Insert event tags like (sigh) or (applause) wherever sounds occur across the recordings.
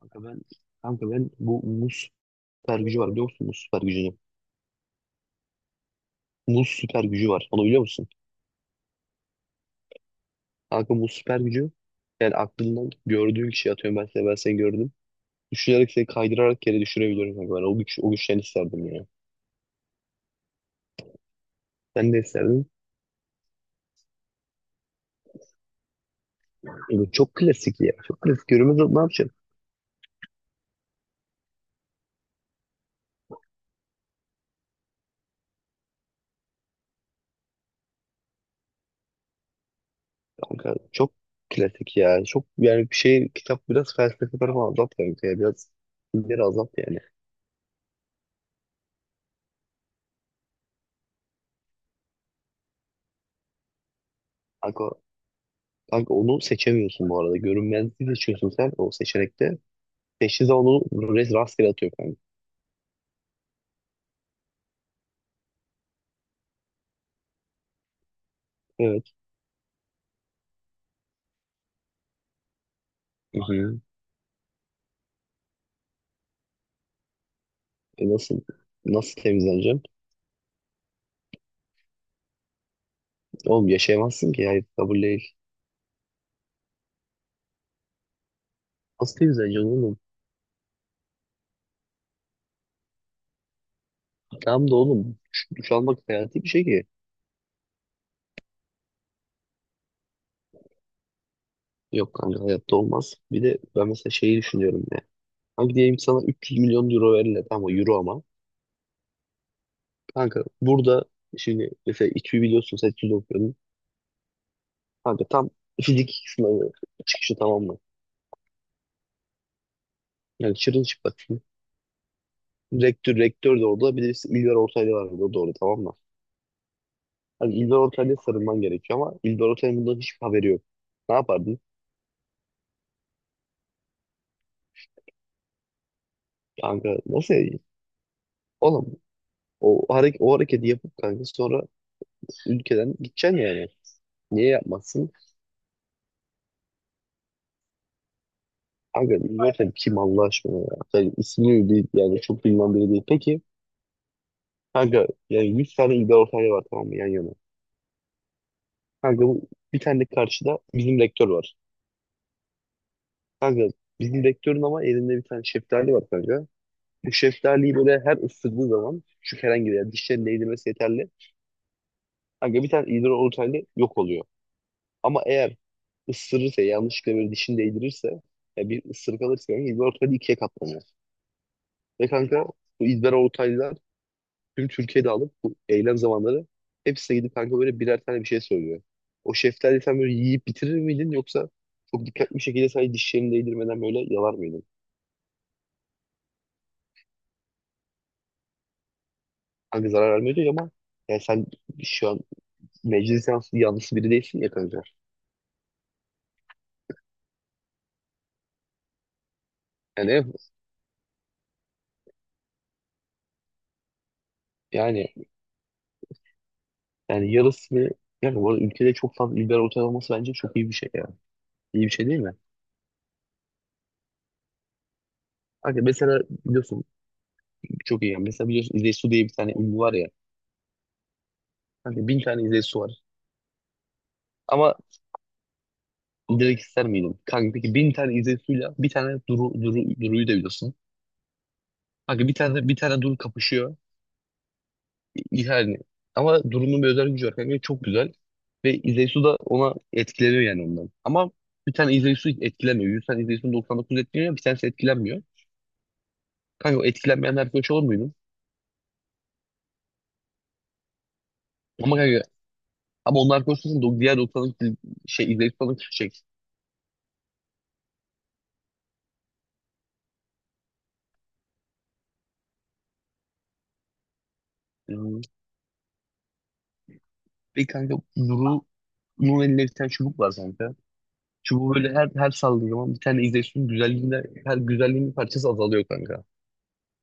Kanka ben, kanka ben bu muz süper gücü var biliyor musun? Muz süper gücünü. Muz süper gücü var. Onu biliyor musun? Kanka muz süper gücü, yani aklından gördüğün kişiyi, atıyorum ben seni gördüm. Düşünerek seni kaydırarak yere düşürebiliyorum kanka ben. O güçten isterdim ya. Sen de isterdin. Bu çok klasik ya. Çok klasik. Yürümez, ne yapacağım? Kanka çok klasik ya. Çok yani bir şey kitap, biraz felsefe tarafı azalt kanka ya. Biraz ileri azalt yani. Kanka, kanka onu seçemiyorsun bu arada. Görünmezliği seçiyorsun sen o seçenekte. Teşhise onu rastgele atıyor kanka. Evet. Hı hı. E nasıl temizleneceğim? Oğlum yaşayamazsın ki. Hayır, kabul değil. Nasıl temizleneceksin oğlum? Tamam da oğlum duş almak hayati bir şey ki. Yok kanka, hayatta olmaz. Bir de ben mesela şeyi düşünüyorum ya. Kanka diyelim sana 300 milyon euro verirler, ama euro ama. Kanka burada şimdi mesela İTÜ'yü biliyorsun, sen İTÜ'de okuyordun. Kanka tam fizik sınavı çıkışı, tamam mı? Yani çırılçıplak. Rektör de orada. Bir de bir milyar Ortaylı var orada, doğru tamam mı? Hani İldor Ortaylı'ya sarılman gerekiyor ama İldor Ortaylı'nın bundan hiçbir haberi yok. Ne yapardın? Kanka nasıl yani? Oğlum o hareketi yapıp kanka sonra ülkeden gideceksin yani. Niye yapmazsın? Kanka İldor Ortaylı kim Allah aşkına ya? Yani ismini değil, yani çok bilinen biri değil. Peki kanka yani 100 tane İldor Ortaylı var, tamam mı yan yana? Kanka bu bir tane de karşıda bizim rektör var. Kanka bizim rektörün ama elinde bir tane şeftali var kanka. Bu şeftaliyi böyle her ısırdığı zaman şu herhangi bir yer, dişlerini değdirmesi yeterli. Kanka bir tane idrar oluşan yok oluyor. Ama eğer ısırırsa, yanlışlıkla böyle dişini değdirirse, ya bir ısırık alırsa, yani idrar Ortaylı ikiye katlanıyor. Ve kanka bu idrar ortaylılar tüm Türkiye'de alıp bu eylem zamanları hepsine gidip kanka böyle birer tane bir şey söylüyor. O şeftali sen böyle yiyip bitirir miydin, yoksa çok dikkatli bir şekilde sadece dişlerini değdirmeden böyle yalar mıydın? Kanka zarar vermiyor diyor ama, yani sen şu an meclis yanlısı biri değilsin ya kanka. Yani yani Yani yani bu arada ülkede çok fazla liberal otel olması bence çok iyi bir şey ya. İyi bir şey değil mi? Hani mesela biliyorsun, çok iyi yani. Mesela biliyorsun İzey Su diye bir tane ünlü var ya. Hani bin tane İzey Su var. Ama direkt ister miydin? Kanka peki bin tane İzey Su'yla bir tane Duru'yu da biliyorsun. Kanka bir tane Duru kapışıyor. Yani. Ama Duru'nun bir özel gücü var kanka. Çok güzel. Ve İzey Su da ona etkileniyor yani ondan. Ama bir tane İzey Su etkilemiyor. 100 tane İzey Su 99 etkileniyor. Bir tanesi etkilenmiyor. Kanka o etkilenmeyen arkadaş olur muydu? Ama kanka, ama onlar konusunda diğer 90'lık şey izleyip sonra şey. Hmm. Bir kanka Duru'nun elinde bir tane çubuk var kanka. Çubuğu böyle her saldığı zaman bir tane izleyicinin güzelliğinde, her güzelliğin bir parçası azalıyor kanka.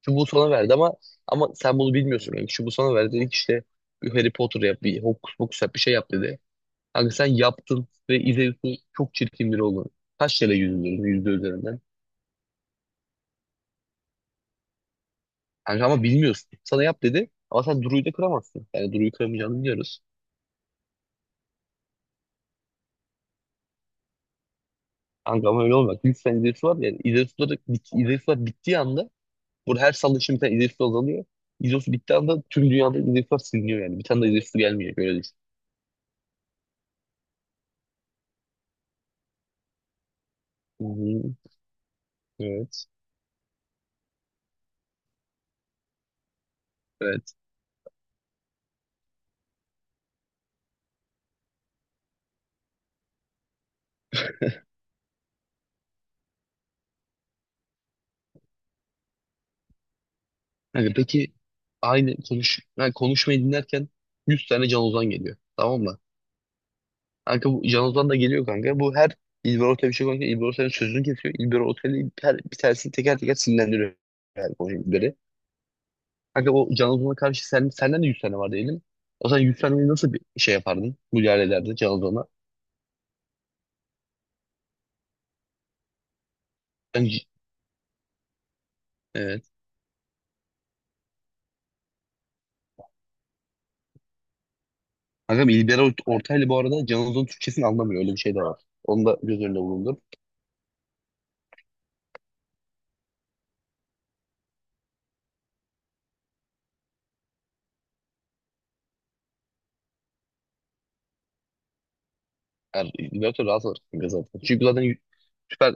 Çubuğu sana verdi ama, ama sen bunu bilmiyorsun kanka. Çubuğu sana verdi, dedi ki işte bir Harry Potter yap, bir hokus pokus yap, bir şey yap dedi. Kanka sen yaptın ve izleyicinin çok çirkin biri oldu. Kaç kere yüzüldürdün yüzde üzerinden. Kanka ama bilmiyorsun. Sana yap dedi ama sen Duru'yu da kıramazsın. Yani Duru'yu kıramayacağını biliyoruz. Kanka ama öyle olmaz. 100 sene İzeysu var, yani İzeysu var, bittiği anda burada her salı şimdi bir tane İzeysu azalıyor. İzeysu bittiği anda tüm dünyada İzeysu var siliniyor yani. Bir tane de İzeysu gelmiyor. Böyle düşün. Hı hı. Evet. Evet. Yani peki aynı konuş yani konuşmayı dinlerken 100 tane Can Ozan geliyor. Tamam mı? Kanka bu Can Ozan da geliyor kanka. Bu her İlber Ortaylı bir şey konuşuyor, İlber Ortaylı'nın sözünü kesiyor. İlber Ortaylı her bir tanesini teker teker sinirlendiriyor. Yani konuşuyor. Kanka o Can Ozan'a karşı senden de 100 tane var diyelim. O zaman 100 taneyi nasıl bir şey yapardın? Müdahale ederdin Can Ozan'a. Ben, evet. Kankam İlber Ortaylı bu arada Can Ozan'ın Türkçesini anlamıyor. Öyle bir şey de var. Onu da göz önünde bulundur. Yani İlber Ortaylı rahatsız olur kanka zaten. Çünkü zaten süper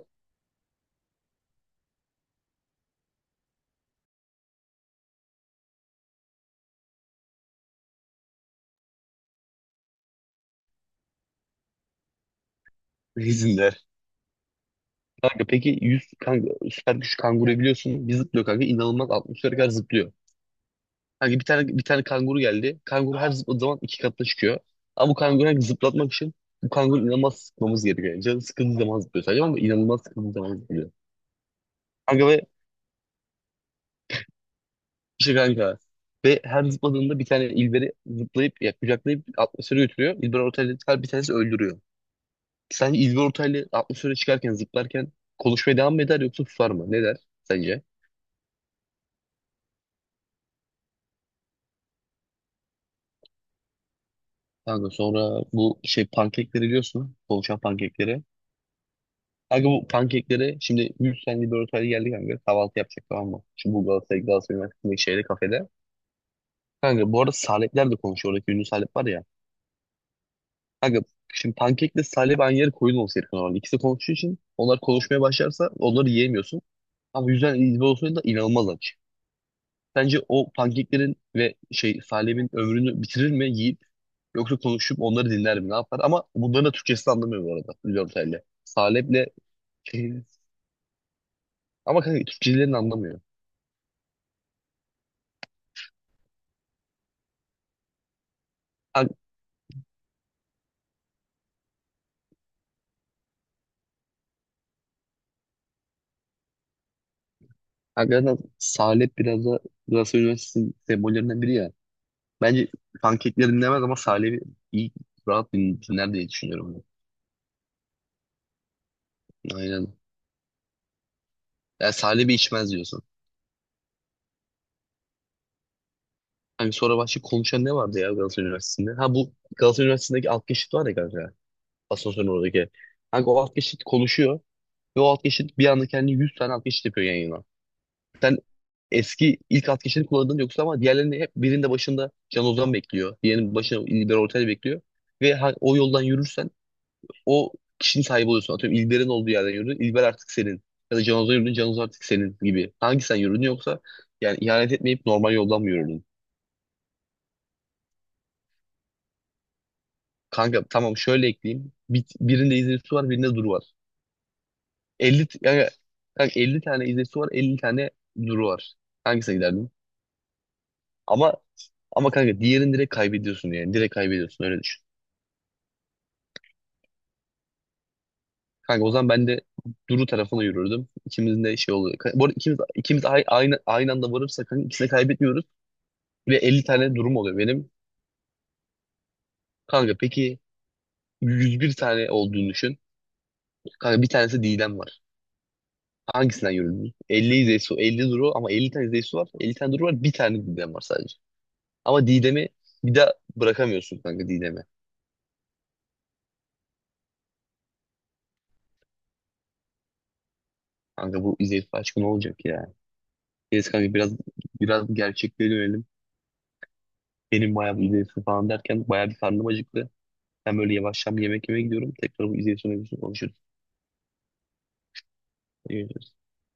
izinler. Kanka peki 100 kanka, süper güç kanguru biliyorsun. Bir zıplıyor kanka. İnanılmaz 60 kadar zıplıyor. Kanka bir tane kanguru geldi. Kanguru her zıpladığı zaman iki katına çıkıyor. Ama bu kanguru her zıplatmak için bu kanguru inanılmaz sıkmamız gerekiyor. Yani canı sıkıldığı zaman zıplıyor sadece, ama inanılmaz sıkıldığı zaman zıplıyor. Kanka ve işte kanka. Ve her zıpladığında bir tane ilberi zıplayıp ya, kucaklayıp atmosfere götürüyor. İlber Ortaylı her bir tanesi öldürüyor. Sence İlber Ortaylı atmosfere çıkarken zıplarken konuşmaya devam mı eder yoksa susar mı? Ne der sence? Kanka sonra bu şey pankekleri biliyorsun. Konuşan pankekleri. Kanka bu pankekleri şimdi 100 senelik bir ortaya geldi kanka. Kahvaltı yapacak, tamam mı? Şu bu Galatasaray Üniversitesi'ndeki şeyde, kafede. Kanka bu arada Salepler de konuşuyor. Oradaki ünlü Salep var ya. Kanka şimdi pankekle Salep aynı yere koyun olsa herif normalde. İkisi de konuştuğu için onlar konuşmaya başlarsa onları yiyemiyorsun. Ama yüzden İzmir olsaydı da inanılmaz aç. Bence o pankeklerin ve şey Salep'in ömrünü bitirir mi yiyip, yoksa konuşup onları dinler mi, ne yapar? Ama bunların da Türkçesini anlamıyor bu arada. Ünlü Salep'le (laughs) ama kanka Türkçelerini anlamıyor. Hakikaten Salep biraz da Galatasaray Üniversitesi'nin sembollerinden biri ya. Bence pankekleri dinlemez ama Salep'i iyi rahat dinler diye düşünüyorum. Ben. Aynen. Yani Salep'i içmez diyorsun. Hani sonra başka konuşan ne vardı ya Galatasaray Üniversitesi'nde? Ha bu Galatasaray Üniversitesi'ndeki alt geçit var ya kanka. Asansörün oradaki. Kanka o alt geçit konuşuyor. Ve o alt geçit bir anda kendi 100 tane alt geçit yapıyor yan yana. Sen eski ilk alt geçitini kullandın yoksa, ama diğerlerini hep, birinde başında Can Ozan bekliyor, diğerinin başında İlber Ortaylı bekliyor. Ve o yoldan yürürsen o kişinin sahibi oluyorsun. Atıyorum İlber'in olduğu yerden yürü. İlber artık senin. Ya da Canoz'a yürüdün. Canoz artık senin gibi. Hangi sen yürüdün, yoksa yani ihanet etmeyip normal yoldan mı yürüdün? Kanka tamam şöyle ekleyeyim. Birinde izleyicisi var, birinde duru var. 50 t- yani, kanka 50 tane izleyicisi var, 50 tane duru var. Hangisine giderdin? Ama ama kanka diğerini direkt kaybediyorsun yani. Direkt kaybediyorsun, öyle düşün. Kanka o zaman ben de Duru tarafına yürürdüm. İkimizin de şey oluyor. Bu arada ikimiz aynı anda varırsak kanka ikisini kaybetmiyoruz. Ve 50 tane durum oluyor benim. Kanka peki 101 tane olduğunu düşün. Kanka bir tanesi Didem var. Hangisinden yürüdün? 50 Zeysu, 50 Duru, ama 50 tane Zeysu var, 50 tane Duru var. Bir tane Didem var sadece. Ama Didem'i bir daha bırakamıyorsun kanka, Didem'i. Kanka bu İzeysu aşkı ne olacak ya? Neyse kanka biraz gerçekliğe dönelim. Benim bayağı bu İzeysu falan derken bayağı bir karnım acıktı. Ben böyle yavaştan bir yemek yemeye gidiyorum. Tekrar bu İzeysu mevzusunu konuşuruz.